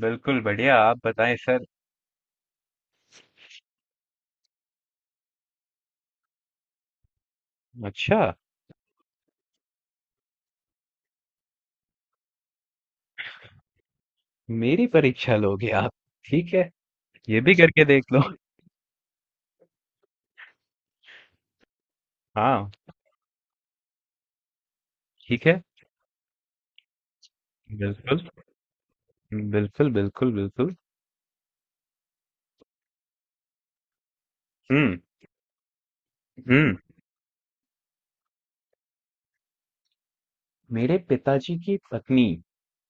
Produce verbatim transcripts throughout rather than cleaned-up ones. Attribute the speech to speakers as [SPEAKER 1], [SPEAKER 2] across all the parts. [SPEAKER 1] बिल्कुल बढ़िया। आप बताएं सर। अच्छा, मेरी परीक्षा लोगे आप? ठीक है, ये भी करके देख लो। हाँ, ठीक है। बिल्कुल बिल्कुल बिल्कुल बिल्कुल। हम्म हम्म। मेरे पिताजी की पत्नी,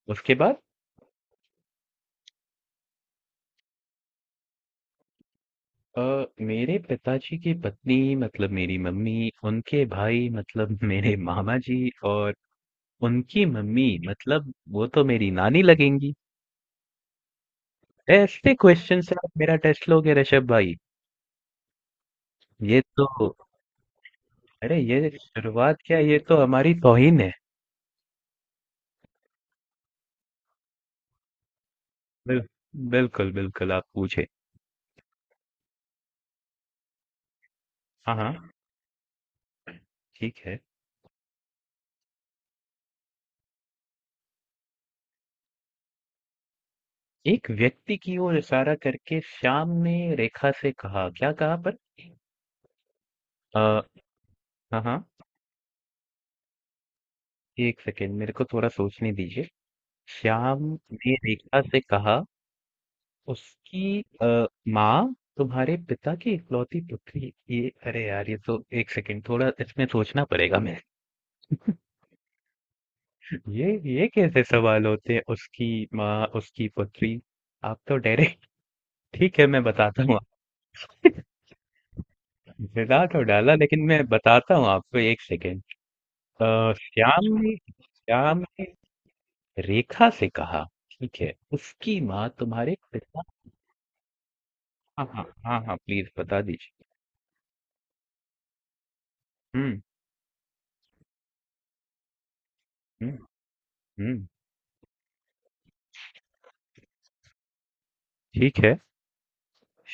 [SPEAKER 1] उसके बाद? आ, मेरे पिताजी की पत्नी मतलब मेरी मम्मी, उनके भाई मतलब मेरे मामा जी, और उनकी मम्मी मतलब वो तो मेरी नानी लगेंगे। ऐसे क्वेश्चन से आप मेरा टेस्ट लोगे ऋषभ भाई? ये तो, अरे ये शुरुआत क्या, ये तो हमारी तौहीन है। बिल, बिल्कुल बिल्कुल, आप पूछे। हाँ हाँ, ठीक है। एक व्यक्ति की ओर इशारा करके श्याम ने रेखा से कहा, क्या कहा पर? आ, हाँ हाँ, एक सेकेंड मेरे को थोड़ा सोचने दीजिए। श्याम ने रेखा से कहा उसकी आ, माँ तुम्हारे पिता की इकलौती पुत्री, ये अरे यार ये तो, एक सेकेंड थोड़ा इसमें सोचना पड़ेगा मैं। ये ये कैसे सवाल होते हैं, उसकी माँ उसकी पुत्री, आप तो डरे, ठीक है मैं बताता हूँ। आपको मिला तो डाला, लेकिन मैं बताता हूँ आपको, एक सेकेंड। अ, श्याम ने श्याम ने रेखा से कहा, ठीक है, उसकी माँ तुम्हारे पिता। हाँ हाँ हाँ हाँ, प्लीज बता दीजिए। हम्म हम्म हम्म, ठीक है।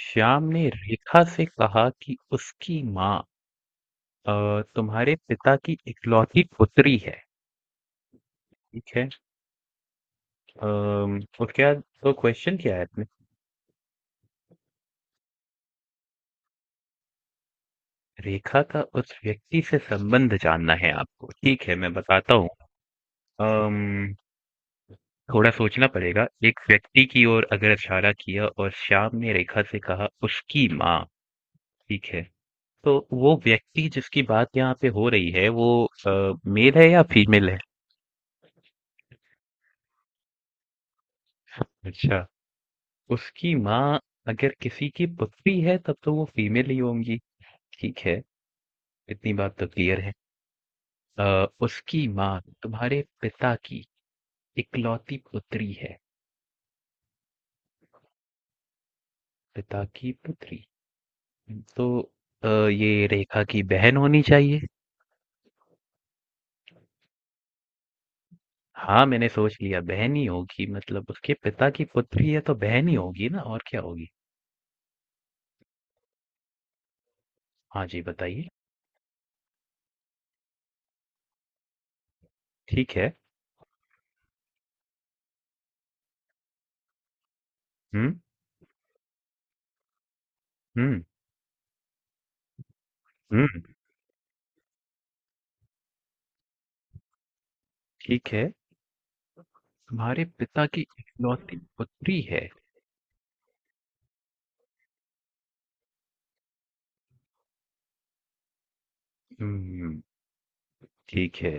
[SPEAKER 1] श्याम ने रेखा से कहा कि उसकी माँ अ, तुम्हारे पिता की इकलौती पुत्री है, ठीक है। अम्म, और क्या, तो क्वेश्चन क्या है इसमें? रेखा का उस व्यक्ति से संबंध जानना है आपको, ठीक है मैं बताता हूँ। अम्म थोड़ा सोचना पड़ेगा। एक व्यक्ति की ओर अगर इशारा किया और श्याम ने रेखा से कहा उसकी माँ, ठीक है, तो वो व्यक्ति जिसकी बात यहाँ पे हो रही है, वो मेल है या फीमेल है? अच्छा। उसकी माँ अगर किसी की पुत्री है तब तो वो फीमेल ही होंगी, ठीक है, इतनी बात तो क्लियर है। अ, उसकी माँ तुम्हारे पिता की इकलौती पुत्री है, पिता की पुत्री, तो अ, ये रेखा की बहन होनी चाहिए। हाँ, मैंने सोच लिया बहन ही होगी, मतलब उसके पिता की पुत्री है तो बहन ही होगी ना, और क्या होगी? हाँ जी, बताइए। ठीक है। हुँ, हुँ, हुँ, ठीक है। तुम्हारे पिता की इकलौती पुत्री है। हुँ, ठीक है।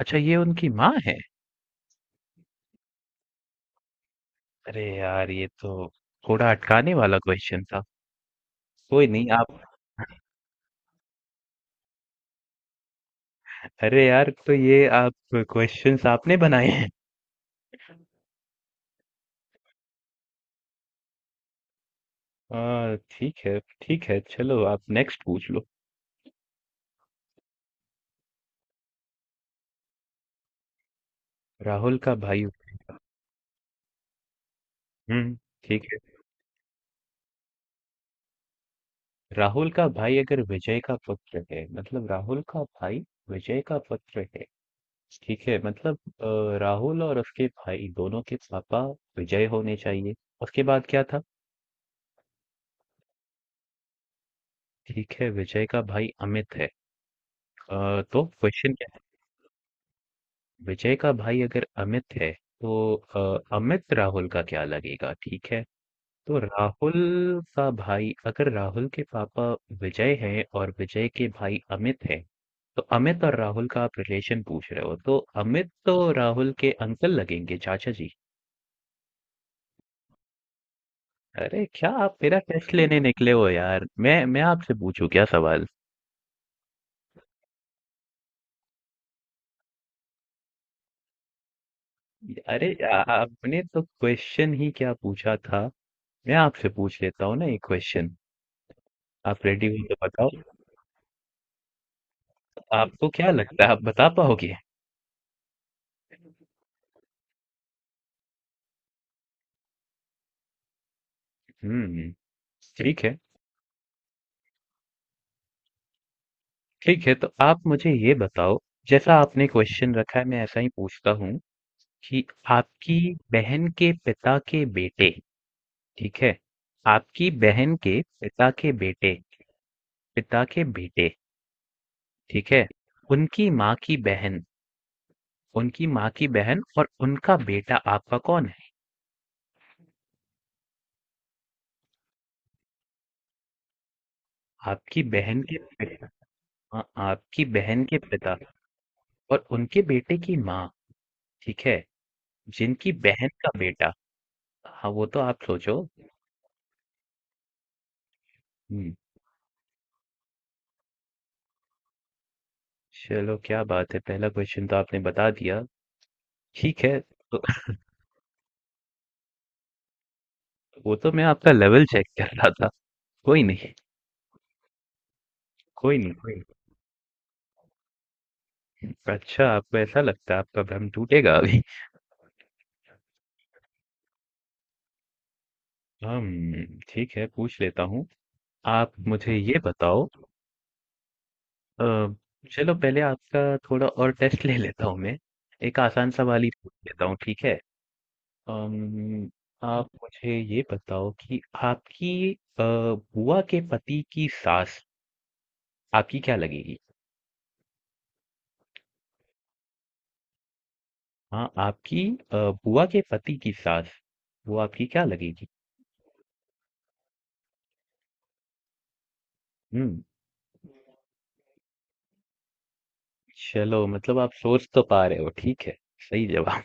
[SPEAKER 1] अच्छा ये उनकी माँ है? अरे यार ये तो थोड़ा अटकाने वाला क्वेश्चन था। कोई नहीं आप। अरे यार, तो ये आप क्वेश्चन्स आपने बनाए हैं? हाँ, ठीक है, ठीक है। चलो आप नेक्स्ट पूछ लो। राहुल का भाई, हुँ, ठीक, राहुल का भाई अगर विजय का पुत्र है, मतलब राहुल का भाई विजय का पुत्र है, ठीक है, मतलब अ, राहुल और उसके भाई दोनों के पापा विजय होने चाहिए। उसके बाद क्या था? ठीक है, विजय का भाई अमित है। अ, तो क्वेश्चन क्या है? विजय का भाई अगर अमित है तो अ, अमित राहुल का क्या लगेगा, ठीक है। तो राहुल का भाई, अगर राहुल के पापा विजय हैं और विजय के भाई अमित हैं, तो अमित और राहुल का आप रिलेशन पूछ रहे हो, तो अमित तो राहुल के अंकल लगेंगे, चाचा जी। अरे क्या आप मेरा टेस्ट लेने निकले हो यार, मैं मैं आपसे पूछूं क्या सवाल। अरे आ- आपने तो क्वेश्चन ही क्या पूछा था, मैं आपसे पूछ लेता हूँ ना एक क्वेश्चन। आप रेडी हो तो बताओ। आपको क्या लगता है, आप बता पाओगे? हम्म, ठीक है, ठीक है, तो आप मुझे ये बताओ, जैसा आपने क्वेश्चन रखा है मैं ऐसा ही पूछता हूँ, कि आपकी बहन के पिता के बेटे, ठीक है? आपकी बहन के पिता के बेटे, पिता के बेटे, ठीक है? उनकी माँ की बहन, उनकी माँ की बहन और उनका बेटा आपका कौन है? आपकी बहन के पिता, हाँ, आपकी बहन के पिता, और उनके बेटे की माँ, ठीक है? जिनकी बहन का बेटा, हाँ वो तो आप सोचो। चलो क्या बात है, पहला क्वेश्चन तो आपने बता दिया। ठीक है तो वो तो मैं आपका लेवल चेक कर रहा था। कोई नहीं कोई नहीं कोई नहीं। अच्छा, आपको ऐसा लगता है? आपका भ्रम टूटेगा अभी। हम, ठीक है पूछ लेता हूँ, आप मुझे ये बताओ। अ, चलो पहले आपका थोड़ा और टेस्ट ले लेता हूँ मैं। एक आसान सवाल ही पूछ लेता हूँ, ठीक है। अम, आप मुझे ये बताओ कि आपकी अ, बुआ के पति की सास आपकी क्या लगेगी? हाँ, आपकी अ, बुआ के पति की सास, वो आपकी क्या लगेगी? हुँ, चलो मतलब आप सोच तो पा रहे हो, ठीक है, सही जवाब।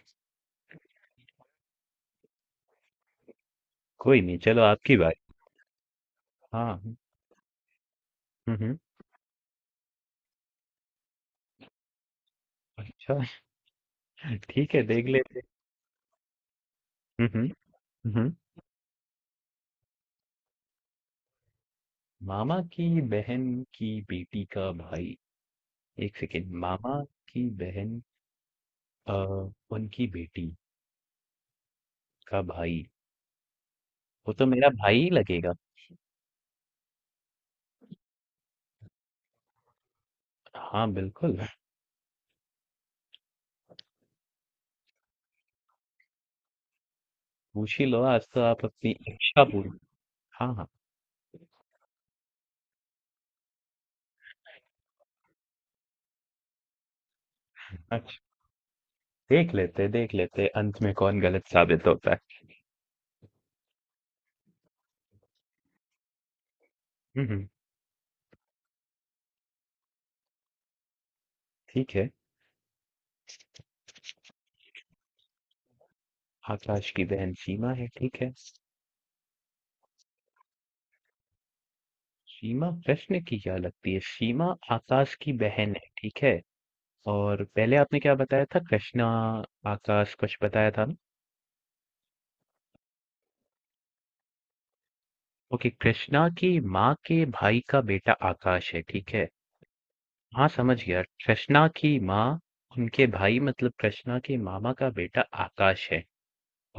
[SPEAKER 1] कोई नहीं, चलो आपकी बारी। हाँ, हुँ, हुँ, अच्छा। ठीक है, देख लेते। हुँ, हुँ, हुँ, हुँ। मामा की बहन की बेटी का भाई, एक सेकंड, मामा की बहन अ, उनकी बेटी का भाई, वो तो मेरा भाई ही लगेगा। हाँ, बिल्कुल। पूछ ही लो, आज तो आप अपनी इच्छा पूरी। हाँ, हाँ। देख लेते देख लेते अंत में कौन गलत साबित होता है। हम्म, ठीक है। आकाश की बहन सीमा है, ठीक है। सीमा प्रश्न की क्या लगती है? सीमा आकाश की बहन है, ठीक है। और पहले आपने क्या बताया था, कृष्णा आकाश कुछ बताया था ना। ओके, कृष्णा की माँ के भाई का बेटा आकाश है, ठीक है। हाँ समझ गया, कृष्णा की माँ, उनके भाई मतलब कृष्णा के मामा का बेटा आकाश है,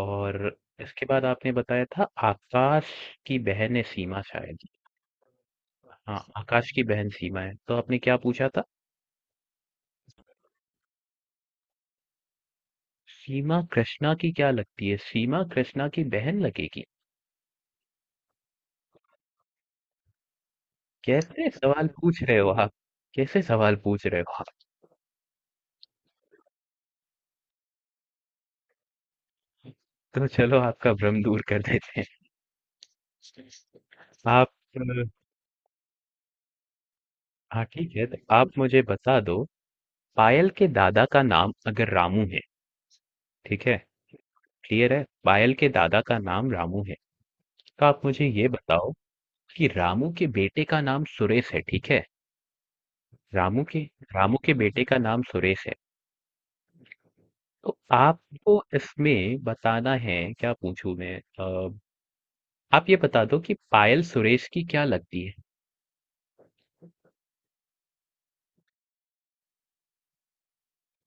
[SPEAKER 1] और इसके बाद आपने बताया था आकाश की बहन है सीमा शायद। हाँ, आकाश की बहन सीमा है। तो आपने क्या पूछा था? सीमा कृष्णा की क्या लगती है? सीमा कृष्णा की बहन लगेगी? कैसे सवाल पूछ रहे हो आप? कैसे सवाल पूछ रहे हो आप? तो चलो आपका भ्रम दूर कर देते हैं। आप अ, हाँ ठीक है, तो आप मुझे बता दो, पायल के दादा का नाम अगर रामू है, ठीक है? क्लियर है? पायल के दादा का नाम रामू है। तो आप मुझे ये बताओ कि रामू के बेटे का नाम सुरेश है, ठीक है? रामू के रामू के बेटे का नाम सुरेश है। तो आपको इसमें बताना है, क्या पूछूं मैं, अ, आप ये बता दो कि पायल सुरेश की क्या लगती है?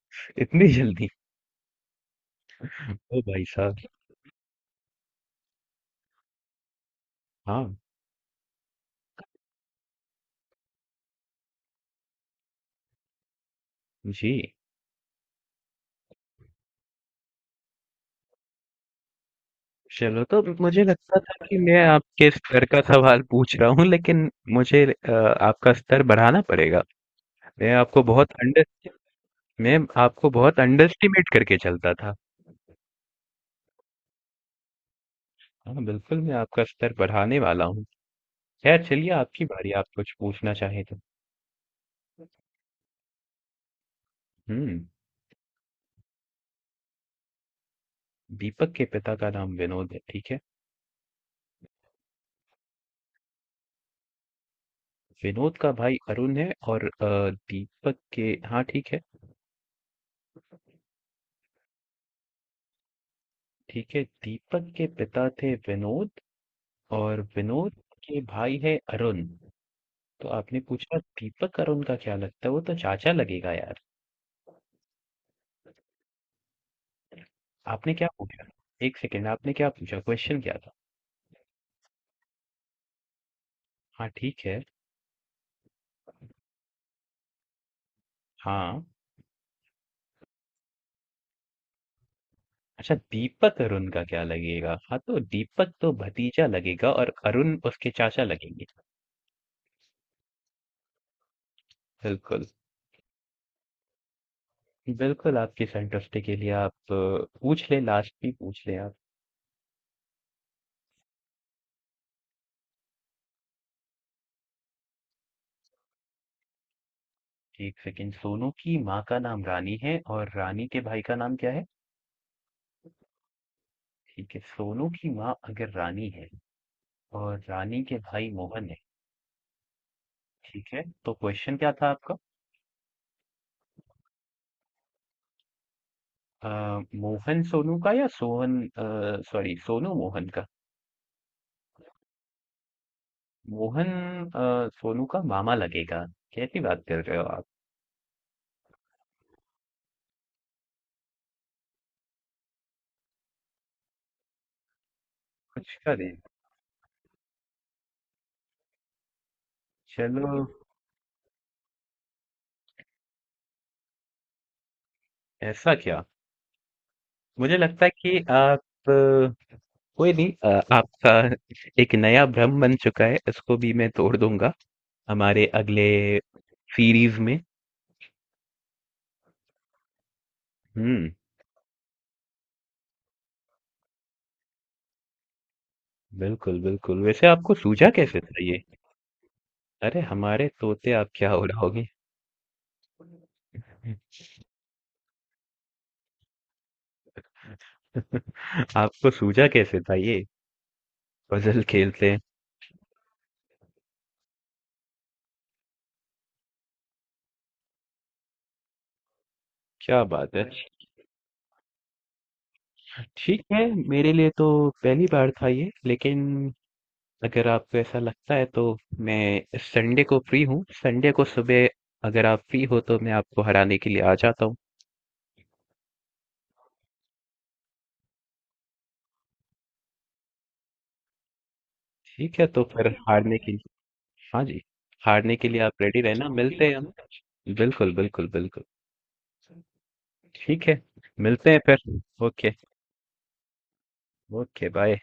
[SPEAKER 1] इतनी जल्दी? ओ भाई साहब। हाँ जी। चलो तो मुझे लगता था कि मैं आपके स्तर का सवाल पूछ रहा हूँ, लेकिन मुझे अ, आपका स्तर बढ़ाना पड़ेगा। मैं आपको बहुत अंडर मैं आपको बहुत अंडरस्टिमेट करके चलता था। हाँ बिल्कुल, मैं आपका स्तर बढ़ाने वाला हूँ। खैर चलिए, आपकी बारी, आप कुछ पूछना चाहें तो। हुँ, दीपक के पिता का नाम विनोद है, ठीक है? विनोद का भाई अरुण है, और अ, दीपक के, हाँ, ठीक है, ठीक है। दीपक के पिता थे विनोद, और विनोद के भाई है अरुण। तो आपने पूछा दीपक अरुण का क्या लगता है? वो तो चाचा लगेगा यार। आपने क्या पूछा? एक सेकंड, आपने क्या पूछा? क्वेश्चन क्या था? हाँ, ठीक है। हाँ। अच्छा दीपक अरुण का क्या लगेगा? हाँ तो दीपक तो भतीजा लगेगा और अरुण उसके चाचा लगेंगे। बिल्कुल, बिल्कुल, आपकी संतुष्टि के लिए आप अ, पूछ लें, लास्ट भी पूछ लें आप। एक सेकंड, सोनू की माँ का नाम रानी है, और रानी के भाई का नाम क्या है? ठीक है, सोनू की माँ अगर रानी है और रानी के भाई मोहन है, ठीक है, तो क्वेश्चन क्या था आपका? अ, मोहन सोनू का, या सोहन, सॉरी, सोनू मोहन का, मोहन अ, सोनू का मामा लगेगा। कैसी बात कर रहे हो आप? कुछ का नहीं। चलो, ऐसा क्या। मुझे लगता है कि आप अ, कोई नहीं, अ, आपका एक नया भ्रम बन चुका है, इसको भी मैं तोड़ दूंगा हमारे अगले सीरीज में। हम्म, बिल्कुल बिल्कुल, वैसे आपको सूझा कैसे था ये? अरे हमारे तोते आप क्या उड़ाओगे। आपको सूझा कैसे था ये, पजल खेलते हैं? क्या बात है। ठीक है, मेरे लिए तो पहली बार था ये, लेकिन अगर आपको ऐसा लगता है तो मैं संडे को फ्री हूँ, संडे को सुबह अगर आप फ्री हो तो मैं आपको हराने के लिए आ जाता हूँ। ठीक है तो फिर हारने के लिए, हाँ जी, हारने के लिए आप रेडी रहना, मिलते हैं हम। बिल्कुल बिल्कुल बिल्कुल, ठीक है, मिलते हैं फिर। ओके। Okay bye.